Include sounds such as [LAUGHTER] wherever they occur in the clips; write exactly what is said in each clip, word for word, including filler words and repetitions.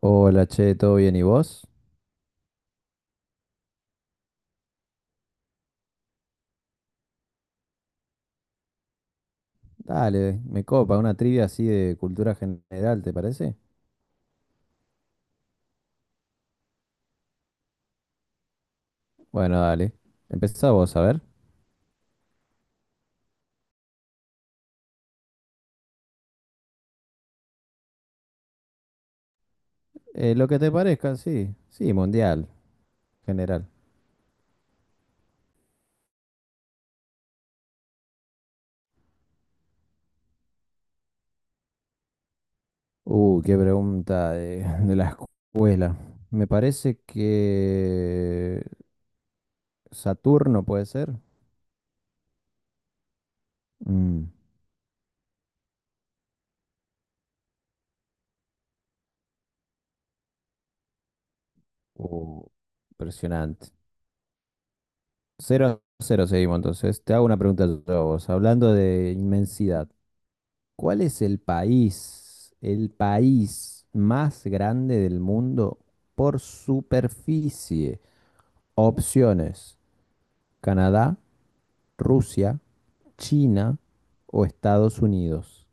Hola, che, ¿todo bien? ¿Y vos? Dale, me copa, una trivia así de cultura general, ¿te parece? Bueno, dale. Empezá vos, a ver. Eh, lo que te parezca, sí. Sí, mundial, general. Uh, qué pregunta de, [LAUGHS] de la escuela. Me parece que Saturno puede ser. Mm, uh, impresionante. Cero a cero seguimos entonces. Te hago una pregunta yo a vos, hablando de inmensidad. ¿Cuál es el país, el país más grande del mundo por superficie? Opciones: Canadá, Rusia, China o Estados Unidos.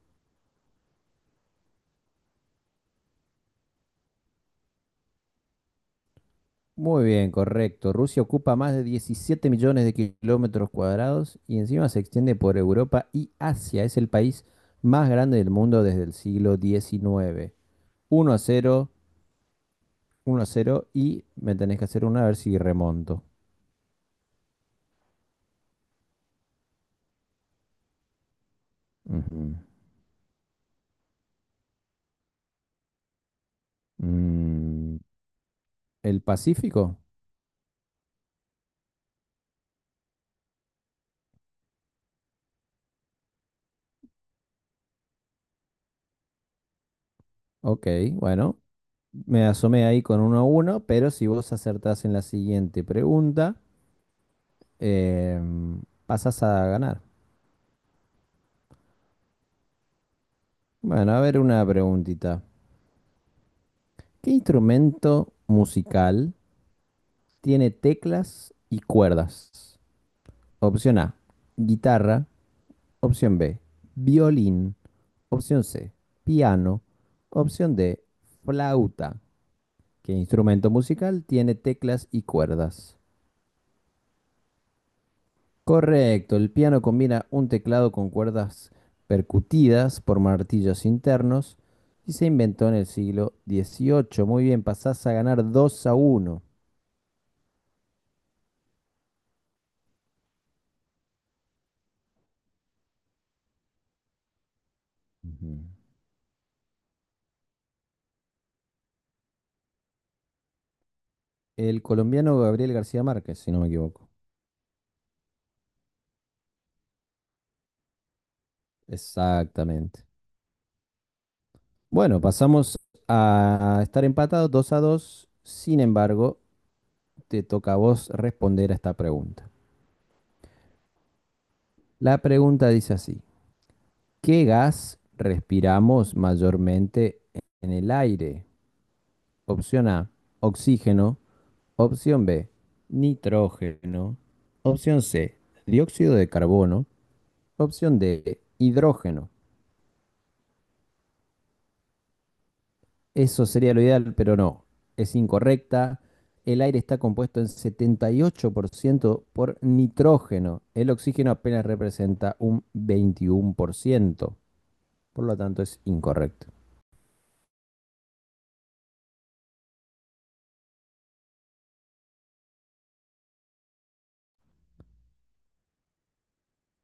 Muy bien, correcto. Rusia ocupa más de diecisiete millones de kilómetros cuadrados y encima se extiende por Europa y Asia. Es el país más grande del mundo desde el siglo decimonoveno. Uno a cero, uno a cero y me tenés que hacer una a ver si remonto. Ujú. Mm, ¿el Pacífico? Ok, bueno, me asomé ahí con uno a uno, pero si vos acertás en la siguiente pregunta, em, pasás a ganar. Bueno, a ver una preguntita. ¿Qué instrumento musical tiene teclas y cuerdas? Opción A, guitarra. Opción B, violín. Opción C, piano. Opción D, flauta. ¿Qué instrumento musical tiene teclas y cuerdas? Correcto, el piano combina un teclado con cuerdas percutidas por martillos internos y se inventó en el siglo dieciocho. Muy bien, pasás a ganar dos a uno. Ujú. El colombiano Gabriel García Márquez, si no me equivoco. Exactamente. Bueno, pasamos a estar empatados dos a dos. Sin embargo, te toca a vos responder a esta pregunta. La pregunta dice así: ¿Qué gas respiramos mayormente en el aire? Opción A, oxígeno. Opción B, nitrógeno. Opción C, dióxido de carbono. Opción D, hidrógeno. Eso sería lo ideal, pero no. Es incorrecta. El aire está compuesto en setenta y ocho por ciento por ciento por nitrógeno. El oxígeno apenas representa un veintiuno por ciento por ciento, por lo tanto, es incorrecto.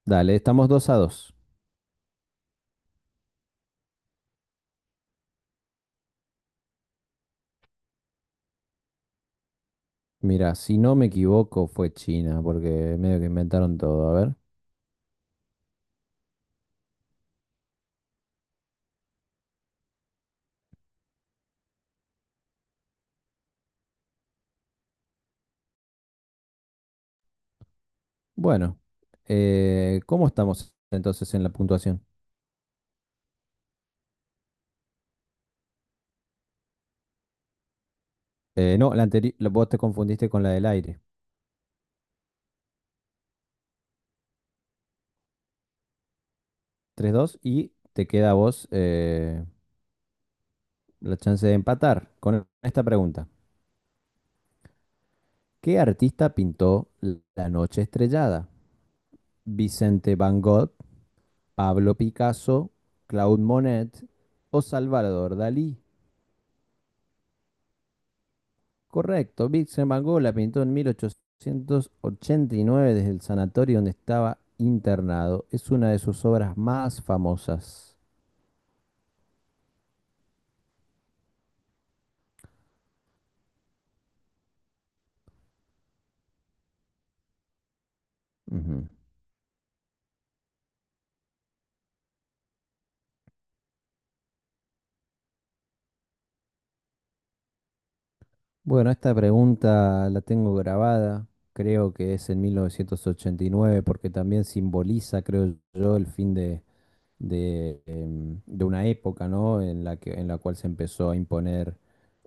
Dale, estamos dos a dos. Mira, si no me equivoco, fue China, porque medio que inventaron todo. A ver. Bueno, eh, ¿cómo estamos entonces en la puntuación? Eh, no, la anteri- la- vos te confundiste con la del aire. Tres dos y te queda a vos eh, la chance de empatar con esta pregunta. ¿Qué artista pintó La Noche Estrellada? ¿Vicente Van Gogh, Pablo Picasso, Claude Monet o Salvador Dalí? Correcto, Vincent Van Gogh la pintó en mil ochocientos ochenta y nueve desde el sanatorio donde estaba internado. Es una de sus obras más famosas. Ujú. Bueno, esta pregunta la tengo grabada, creo que es en mil novecientos ochenta y nueve, porque también simboliza, creo yo, el fin de, de, em, de una época, ¿no? En la que, en la cual se empezó a imponer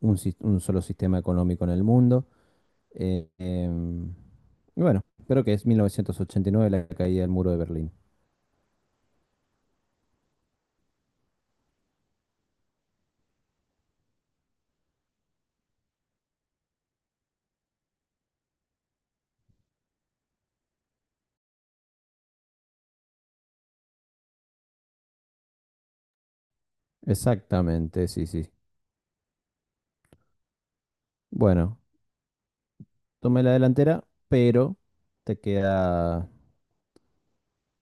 un, sis- un solo sistema económico en el mundo. Eh, em, Y Bueno, creo que es mil novecientos ochenta y nueve la caída del muro de Berlín. Exactamente, sí, sí. Bueno, tomé la delantera, pero te queda,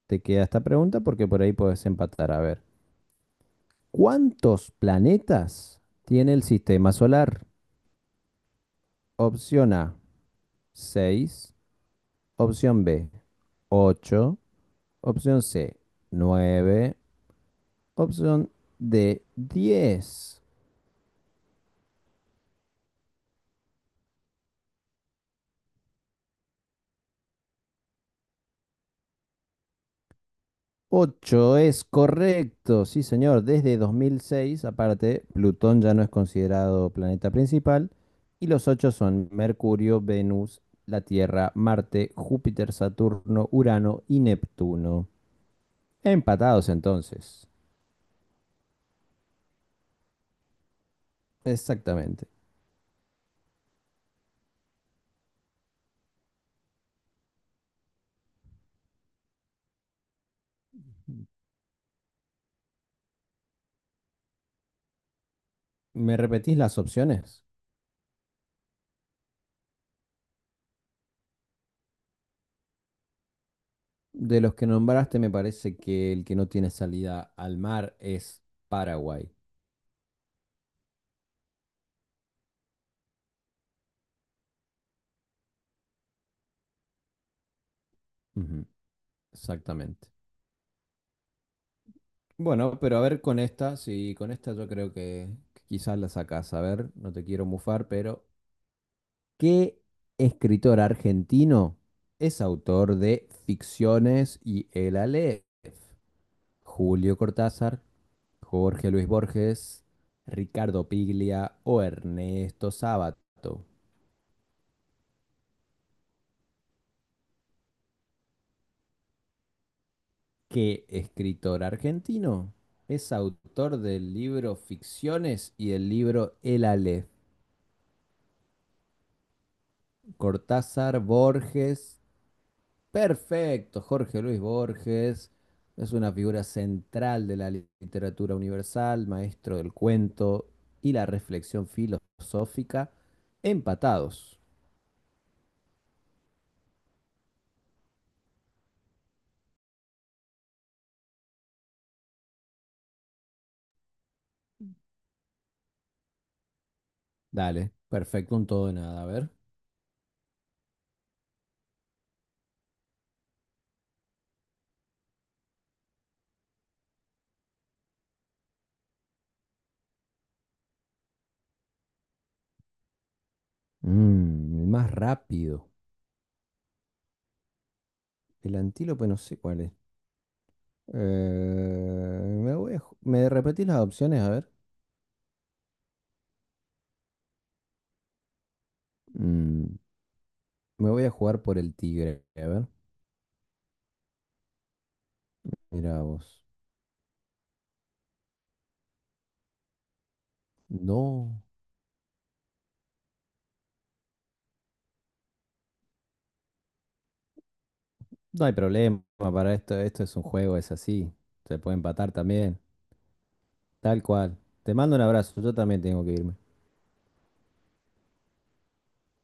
te queda esta pregunta porque por ahí puedes empatar. A ver, ¿cuántos planetas tiene el sistema solar? Opción A, seis. Opción B, ocho. Opción C, nueve. Opción D, diez. Ocho es correcto, sí señor. Desde dos mil seis, aparte, Plutón ya no es considerado planeta principal y los ocho son Mercurio, Venus, la Tierra, Marte, Júpiter, Saturno, Urano y Neptuno. Empatados entonces. Exactamente. ¿Me repetís las opciones? De los que nombraste, me parece que el que no tiene salida al mar es Paraguay. Ujú. Exactamente. Bueno, pero a ver con esta, sí, con esta yo creo que, que quizás la sacás. A ver, no te quiero mufar, pero ¿qué escritor argentino es autor de Ficciones y El Aleph? Julio Cortázar, Jorge Luis Borges, Ricardo Piglia o Ernesto Sábato. ¿Qué escritor argentino es autor del libro Ficciones y del libro El Aleph? Cortázar, Borges. Perfecto, Jorge Luis Borges es una figura central de la literatura universal, maestro del cuento y la reflexión filosófica. Empatados. Dale, perfecto, un todo de nada, a ver. Mm, el más rápido. El antílope no sé cuál es. Eh, me voy a, ju- me repetís las opciones, a ver. Mm, me voy a jugar por el tigre, a ver. Mira vos. No. No hay problema para esto, esto es un juego, es así. Se puede empatar también, tal cual. Te mando un abrazo, yo también tengo que irme.